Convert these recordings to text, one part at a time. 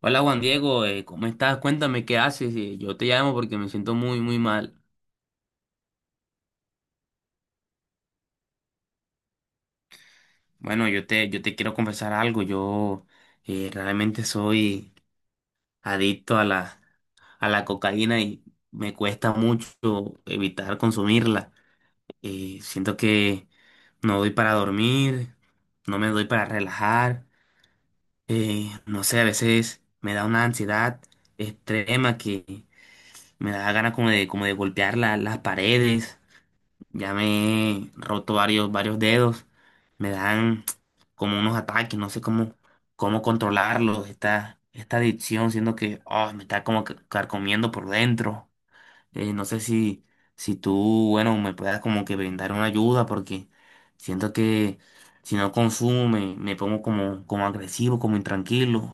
Hola Juan Diego, ¿cómo estás? Cuéntame qué haces. Yo te llamo porque me siento muy, muy mal. Bueno, yo te quiero confesar algo. Yo realmente soy adicto a a la cocaína y me cuesta mucho evitar consumirla. Siento que no doy para dormir, no me doy para relajar. No sé, a veces me da una ansiedad extrema que me da ganas como de golpear las paredes. Ya me he roto varios dedos. Me dan como unos ataques, no sé cómo controlarlos. Esta adicción, siendo que me está como que carcomiendo por dentro. No sé si tú, bueno, me puedas como que brindar una ayuda porque siento que si no consumo me pongo como agresivo, como intranquilo.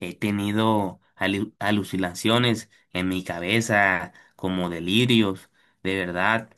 He tenido alucinaciones en mi cabeza, como delirios, de verdad.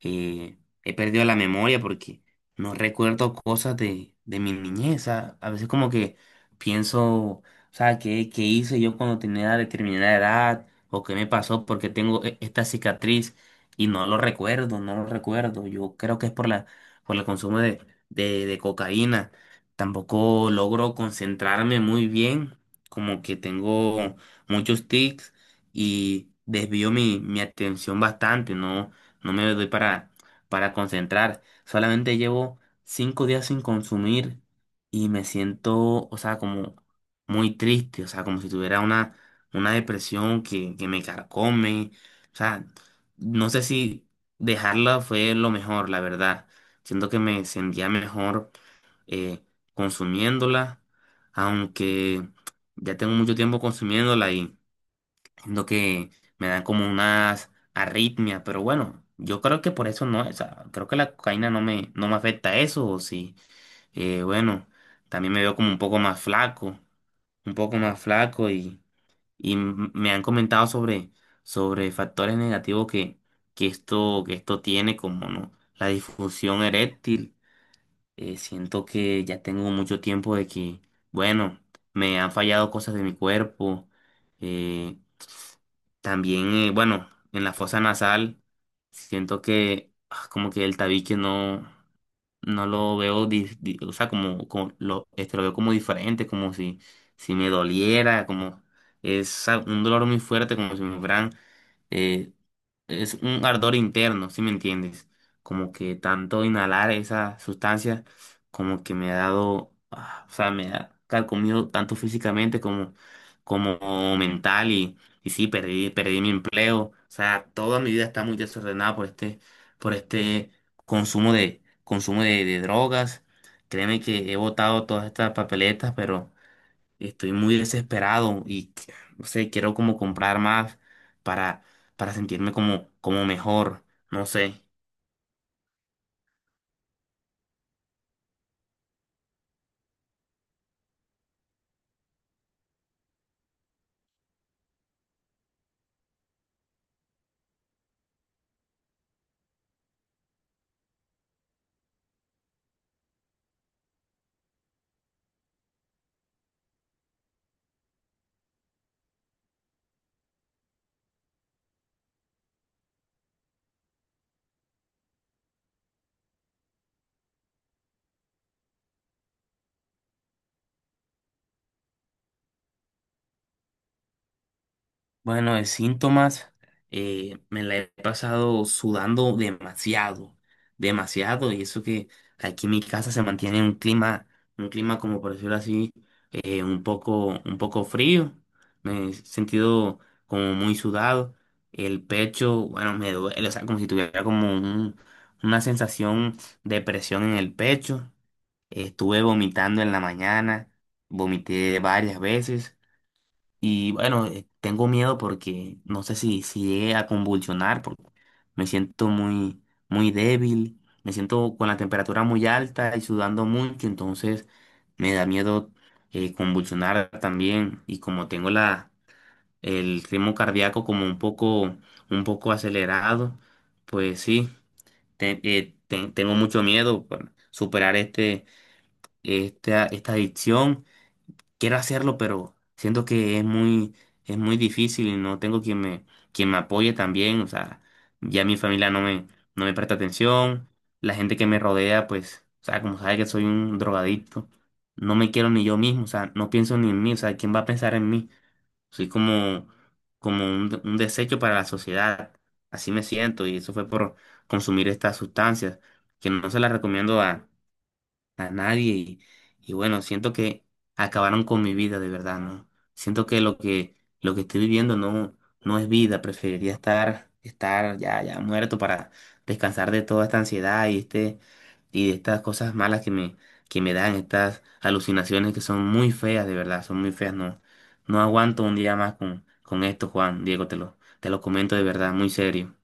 eh, He perdido la memoria porque no recuerdo cosas de mi niñez. A veces como que pienso, o sea, ¿ qué hice yo cuando tenía determinada edad? ¿O qué me pasó porque tengo esta cicatriz? Y no lo recuerdo, no lo recuerdo. Yo creo que es por por el consumo de cocaína. Tampoco logro concentrarme muy bien, como que tengo muchos tics y desvío mi atención bastante, no, no me doy para concentrar. Solamente llevo 5 días sin consumir y me siento, o sea, como muy triste, o sea, como si tuviera una depresión que me carcome. O sea, no sé si dejarla fue lo mejor, la verdad. Siento que me sentía mejor eh, consumiéndola, aunque ya tengo mucho tiempo consumiéndola y siento que me dan como unas arritmias, pero bueno, yo creo que por eso no, o sea, creo que la cocaína no no me afecta eso, o sí, bueno, también me veo como un poco más flaco, un poco más flaco, y me han comentado sobre factores negativos que esto tiene como, ¿no? La disfunción eréctil. Siento que ya tengo mucho tiempo de que, bueno, me han fallado cosas de mi cuerpo. Eh, también, bueno, en la fosa nasal, siento que como que el tabique no, no lo veo, o sea, como lo, este, lo veo como diferente, como si, si me doliera, como es un dolor muy fuerte, como si me fueran eh, es un ardor interno, ¿sí me entiendes? Como que tanto inhalar esa sustancia, como que me ha dado, o sea, me ha carcomido tanto físicamente como mental y sí, perdí, perdí mi empleo. O sea, toda mi vida está muy desordenada por este consumo de drogas. Créeme que he botado todas estas papeletas, pero estoy muy desesperado y no sé, quiero como comprar más para, para sentirme como mejor, no sé. Bueno, de síntomas, me la he pasado sudando demasiado, demasiado, y eso que aquí en mi casa se mantiene un clima como por decirlo así, un poco frío. Me he sentido como muy sudado. El pecho, bueno, me duele, o sea, como si tuviera como una sensación de presión en el pecho. Estuve vomitando en la mañana, vomité varias veces. Y bueno, tengo miedo porque no sé si, si llegue a convulsionar, porque me siento muy, muy débil, me siento con la temperatura muy alta y sudando mucho, entonces me da miedo convulsionar también. Y como tengo el ritmo cardíaco como un poco acelerado, pues sí, tengo mucho miedo por superar este, esta adicción. Quiero hacerlo, pero siento que es muy difícil y no tengo quien quien me apoye también. O sea, ya mi familia no no me presta atención. La gente que me rodea, pues, o sea, como sabe que soy un drogadicto, no me quiero ni yo mismo. O sea, no pienso ni en mí. O sea, ¿quién va a pensar en mí? Soy como un desecho para la sociedad. Así me siento y eso fue por consumir estas sustancias, que no se las recomiendo a nadie y bueno, siento que acabaron con mi vida de verdad, ¿no? Siento que lo que estoy viviendo no es vida, preferiría estar ya muerto para descansar de toda esta ansiedad y y de estas cosas malas que me dan estas alucinaciones que son muy feas de verdad, son muy feas, no no aguanto un día más con esto, Juan Diego, te lo comento de verdad, muy serio.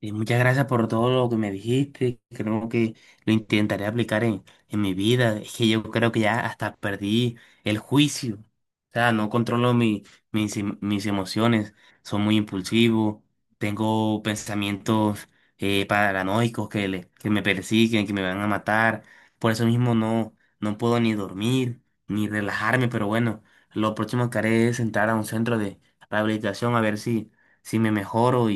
Y muchas gracias por todo lo que me dijiste. Creo que lo intentaré aplicar en mi vida. Es que yo creo que ya hasta perdí el juicio. O sea, no controlo mis emociones. Soy muy impulsivo. Tengo pensamientos paranoicos que me persiguen, que me van a matar. Por eso mismo no, no puedo ni dormir, ni relajarme. Pero bueno, lo próximo que haré es entrar a un centro de rehabilitación a ver si, si me mejoro,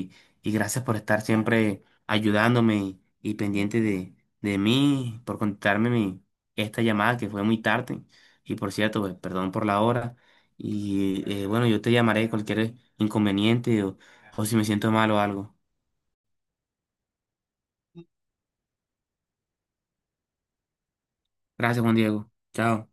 y gracias por estar siempre ayudándome y pendiente de mí, por contestarme esta llamada que fue muy tarde. Y por cierto, pues, perdón por la hora. Y bueno, yo te llamaré cualquier inconveniente o si me siento mal o algo. Gracias, Juan Diego. Chao.